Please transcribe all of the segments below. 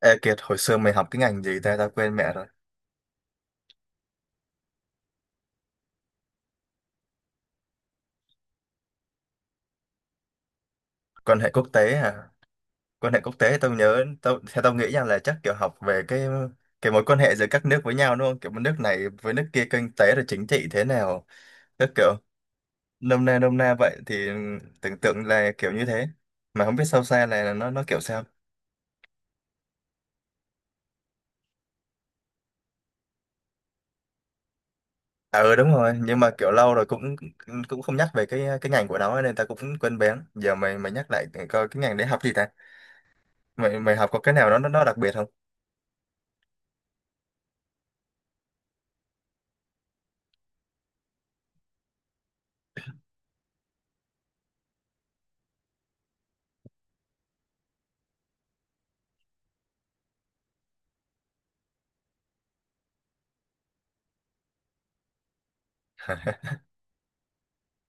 Ê Kiệt, hồi xưa mày học tiếng Anh gì ta, tao quên mẹ rồi. Quan hệ quốc tế à? Quan hệ quốc tế tao nhớ, theo tao nghĩ nha là chắc kiểu học về cái mối quan hệ giữa các nước với nhau, đúng không? Kiểu nước này với nước kia, kinh tế rồi chính trị thế nào. Tức kiểu nôm na vậy thì tưởng tượng là kiểu như thế. Mà không biết sâu xa là nó kiểu sao. À, ừ, đúng rồi, nhưng mà kiểu lâu rồi cũng cũng không nhắc về cái ngành của nó nên tao cũng quên bén. Giờ mày mày nhắc lại coi cái ngành đấy học gì ta? Mày mày học có cái nào nó đặc biệt không?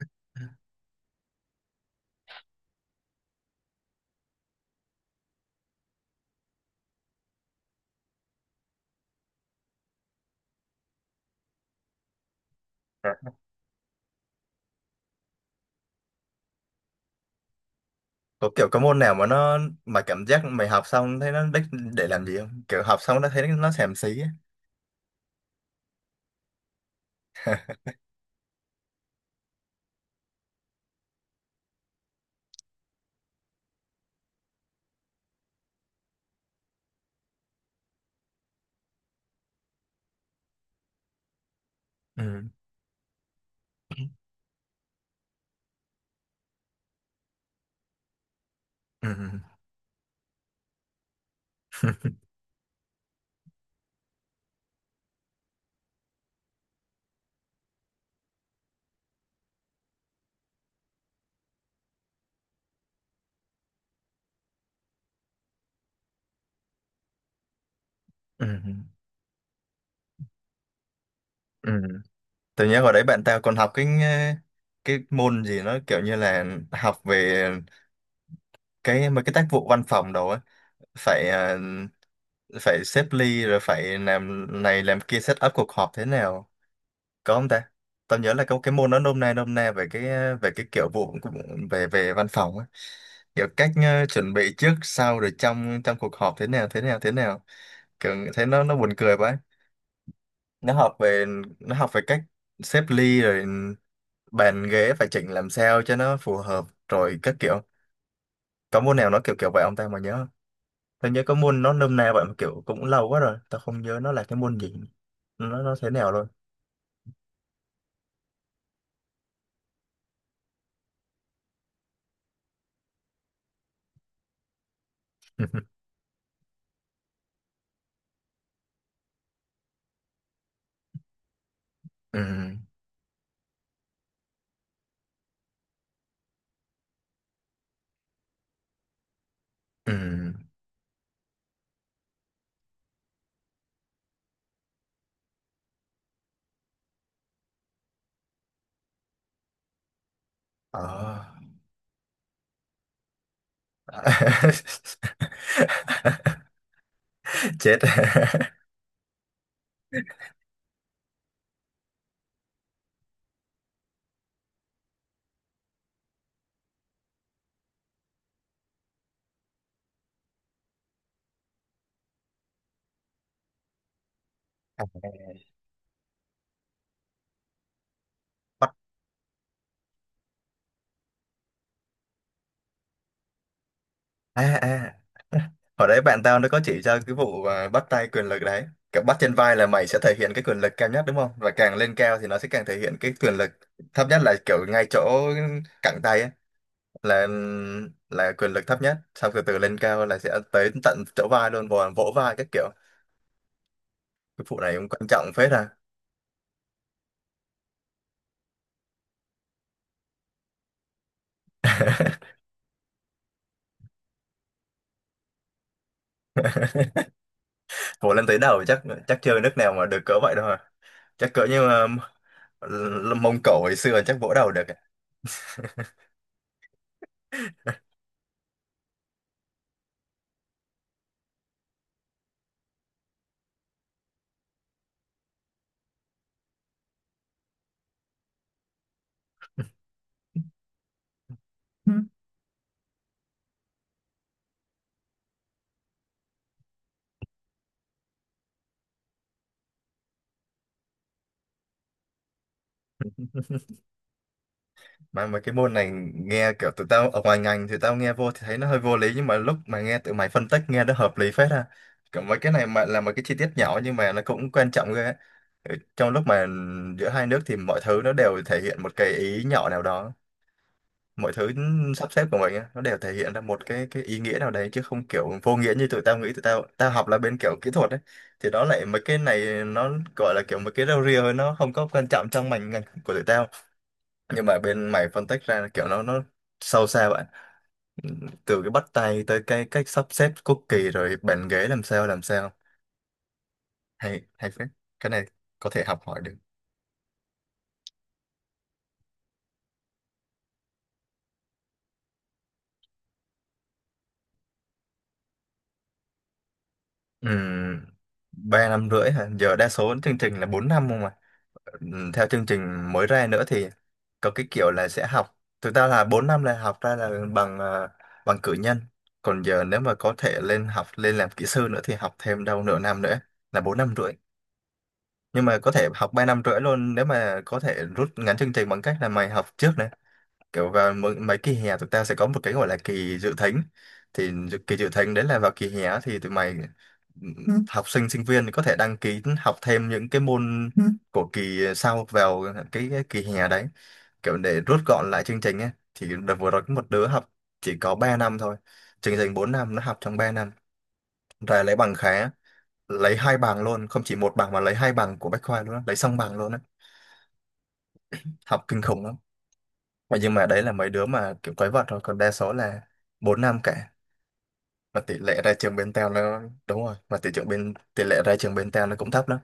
Có kiểu có môn nào mà cảm giác mày học xong thấy nó đích để làm gì không, kiểu học xong nó thấy nó xàm xí á. Ừ, ừ, ừ. Ừ, ừ. Tự nhiên hồi đấy bạn tao còn học cái môn gì nó kiểu như là học về cái mấy cái tác vụ văn phòng đồ á, phải ờ, phải xếp ly rồi phải làm này làm kia, set up cuộc họp thế nào, có không ta? Tao nhớ là có cái môn nó nôm na về cái kiểu về về văn phòng á, kiểu cách chuẩn bị trước sau rồi trong trong cuộc họp thế nào thế nào thế nào, kiểu thấy nó buồn cười quá. Nó học về nó học về cách xếp ly rồi bàn ghế phải chỉnh làm sao cho nó phù hợp rồi các kiểu. Có môn nào nó kiểu kiểu vậy ông ta mà nhớ không? Tao nhớ có môn nó nôm na vậy mà kiểu cũng lâu quá rồi tao không nhớ nó là cái môn gì, nó thế nào luôn. Ừ, ừ, ờ. Chết. À, bắt, à, à. Hồi đấy bạn tao nó có chỉ cho cái vụ bắt tay quyền lực đấy, kiểu bắt trên vai là mày sẽ thể hiện cái quyền lực cao nhất, đúng không, và càng lên cao thì nó sẽ càng thể hiện cái quyền lực thấp nhất, là kiểu ngay chỗ cẳng tay ấy, là là quyền lực thấp nhất, xong từ từ lên cao là sẽ tới tận chỗ vai luôn, vỗ vai các kiểu. Cái vụ này cũng quan trọng phết à. Vỗ lên tới đầu chắc chắc chưa nước nào mà được cỡ vậy đâu à? Chắc cỡ như là Mông Cổ hồi xưa chắc vỗ đầu được ạ. Ừ. Mà cái môn này nghe kiểu tụi tao ở ngoài ngành thì tao nghe vô thì thấy nó hơi vô lý, nhưng mà lúc mà nghe tụi mày phân tích nghe nó hợp lý phết ha, kiểu mấy cái này mà là một cái chi tiết nhỏ nhưng mà nó cũng quan trọng ghê á. Ừ, trong lúc mà giữa hai nước thì mọi thứ nó đều thể hiện một cái ý nhỏ nào đó, mọi thứ sắp xếp của mình á, nó đều thể hiện ra một cái ý nghĩa nào đấy, chứ không kiểu vô nghĩa như tụi tao nghĩ. Tụi tao tao học là bên kiểu kỹ thuật ấy thì đó lại mấy cái này nó gọi là kiểu mấy cái rau ria thôi, nó không có quan trọng trong ngành ngành của tụi tao, nhưng mà bên mày phân tích ra là kiểu nó sâu xa bạn, từ cái bắt tay tới cái cách sắp xếp cookie rồi bàn ghế làm sao làm sao, hay hay phết, cái này có thể học hỏi được. Ừm, 3 năm rưỡi hả? Giờ đa số chương trình là 4 năm không mà. Theo chương trình mới ra nữa thì có cái kiểu là sẽ học, thực ra là 4 năm là học ra là bằng cử nhân, còn giờ nếu mà có thể lên học lên làm kỹ sư nữa thì học thêm đâu nửa năm nữa, là 4 năm rưỡi. Nhưng mà có thể học 3 năm rưỡi luôn nếu mà có thể rút ngắn chương trình, bằng cách là mày học trước này, kiểu vào mấy kỳ hè tụi tao sẽ có một cái gọi là kỳ dự thính. Thì kỳ dự thính đấy là vào kỳ hè á thì tụi mày, ừ, học sinh sinh viên có thể đăng ký học thêm những cái môn của kỳ sau vào cái kỳ hè đấy, kiểu để rút gọn lại chương trình ấy. Thì đợt vừa rồi có một đứa học chỉ có 3 năm thôi, chương trình 4 năm nó học trong 3 năm rồi lấy bằng khá, lấy hai bằng luôn, không chỉ một bằng mà lấy hai bằng của Bách Khoa luôn á, lấy xong bằng luôn á. Học kinh khủng lắm. Mà nhưng mà đấy là mấy đứa mà kiểu quái vật thôi, còn đa số là 4 năm cả. Mà tỷ lệ ra trường bên tao nó, đúng rồi, mà tỷ lệ ra trường bên tao nó cũng thấp lắm.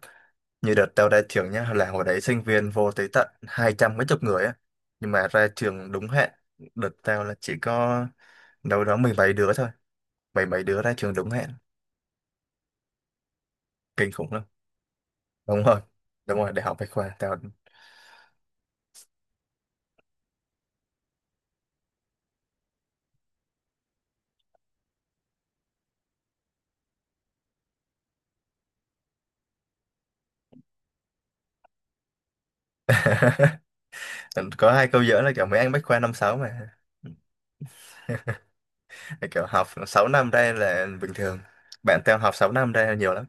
Như đợt tao ra trường nhá, là hồi đấy sinh viên vô tới tận hai trăm mấy chục người á, nhưng mà ra trường đúng hẹn đợt tao là chỉ có đâu đó mười mấy đứa thôi. Mười mấy đứa ra trường đúng hẹn. Kinh khủng lắm. Đúng rồi, đúng rồi, đại học Bách Khoa tao. Có hai câu giữa là kiểu mấy anh Bách Khoa 5-6 mà. Thì kiểu học 6 năm đây là bình thường, bạn theo học 6 năm đây là nhiều lắm.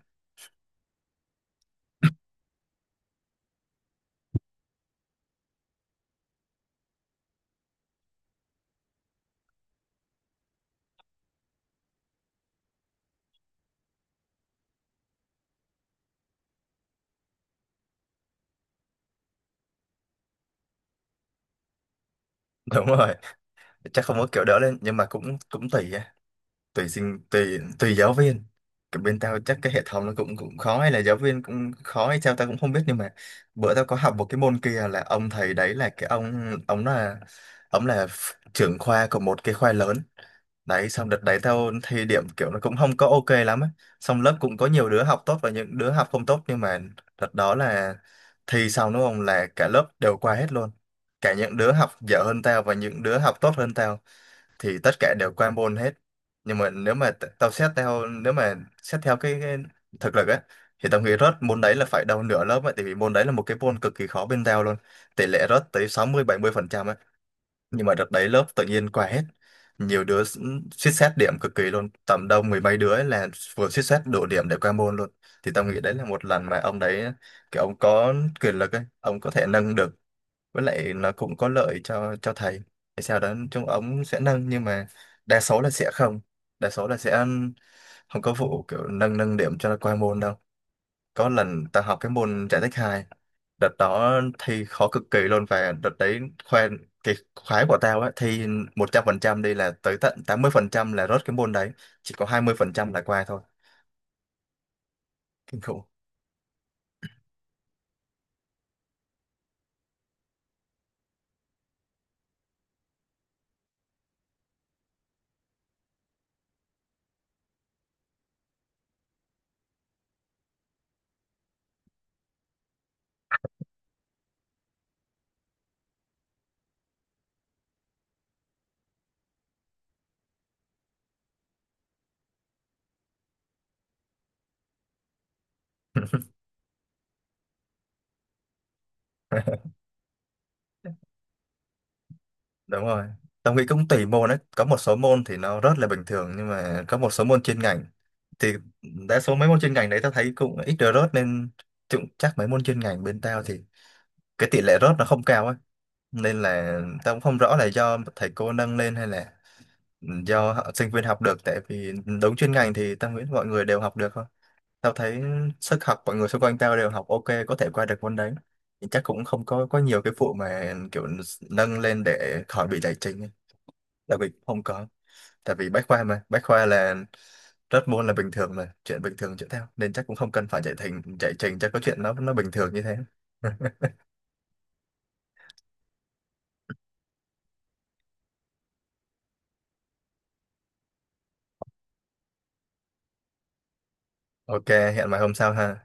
Đúng rồi, chắc không có kiểu đỡ lên, nhưng mà cũng cũng tùy tùy sinh tùy tùy giáo viên. Cái bên tao chắc cái hệ thống nó cũng cũng khó hay là giáo viên cũng khó hay sao tao cũng không biết, nhưng mà bữa tao có học một cái môn kia, là ông thầy đấy là cái ông là trưởng khoa của một cái khoa lớn đấy. Xong đợt đấy tao thi điểm kiểu nó cũng không có ok lắm á, xong lớp cũng có nhiều đứa học tốt và những đứa học không tốt, nhưng mà đợt đó là thi xong, đúng không, là cả lớp đều qua hết luôn. Cả những đứa học dở hơn tao và những đứa học tốt hơn tao thì tất cả đều qua môn hết. Nhưng mà nếu mà xét theo cái thực lực ấy thì tao nghĩ rớt môn đấy là phải đầu nửa lớp ấy, tại vì môn đấy là một cái môn cực kỳ khó bên tao luôn, tỷ lệ rớt tới 60-70% ấy, nhưng mà đợt đấy lớp tự nhiên qua hết. Nhiều đứa suýt xét điểm cực kỳ luôn, tầm đâu mười mấy đứa ấy là vừa suýt xét đủ điểm để qua môn luôn. Thì tao nghĩ đấy là một lần mà ông đấy kiểu ông có quyền lực ấy, ông có thể nâng được, với lại nó cũng có lợi cho thầy. Tại sao đó chúng ống sẽ nâng, nhưng mà đa số là sẽ không đa số là sẽ không có vụ kiểu nâng nâng điểm cho qua môn đâu. Có lần ta học cái môn giải tích 2, đợt đó thi khó cực kỳ luôn, và đợt đấy khoe cái khoái của tao á, thi 100% đi là tới tận 80% là rớt cái môn đấy, chỉ có 20% là qua thôi. Kinh khủng. Đúng rồi, tao nghĩ cũng tùy môn đấy, có một số môn thì nó rất là bình thường, nhưng mà có một số môn chuyên ngành thì đa số mấy môn chuyên ngành đấy tao thấy cũng ít được rớt nên, cũng chắc mấy môn chuyên ngành bên tao thì cái tỷ lệ rớt nó không cao ấy, nên là tao cũng không rõ là do thầy cô nâng lên hay là do sinh viên học được, tại vì đúng chuyên ngành thì tao nghĩ mọi người đều học được thôi. Tao thấy sức học mọi người xung quanh tao đều học ok, có thể qua được môn đấy thì chắc cũng không có nhiều cái vụ mà kiểu nâng lên để khỏi bị giải trình ấy. Là Bình không có. Tại vì Bách Khoa mà, Bách Khoa là rớt môn là bình thường mà, chuyện bình thường chuyện theo, nên chắc cũng không cần phải chạy thành chạy trình cho có chuyện, nó bình thường như thế. Ok, hẹn mai hôm sau ha.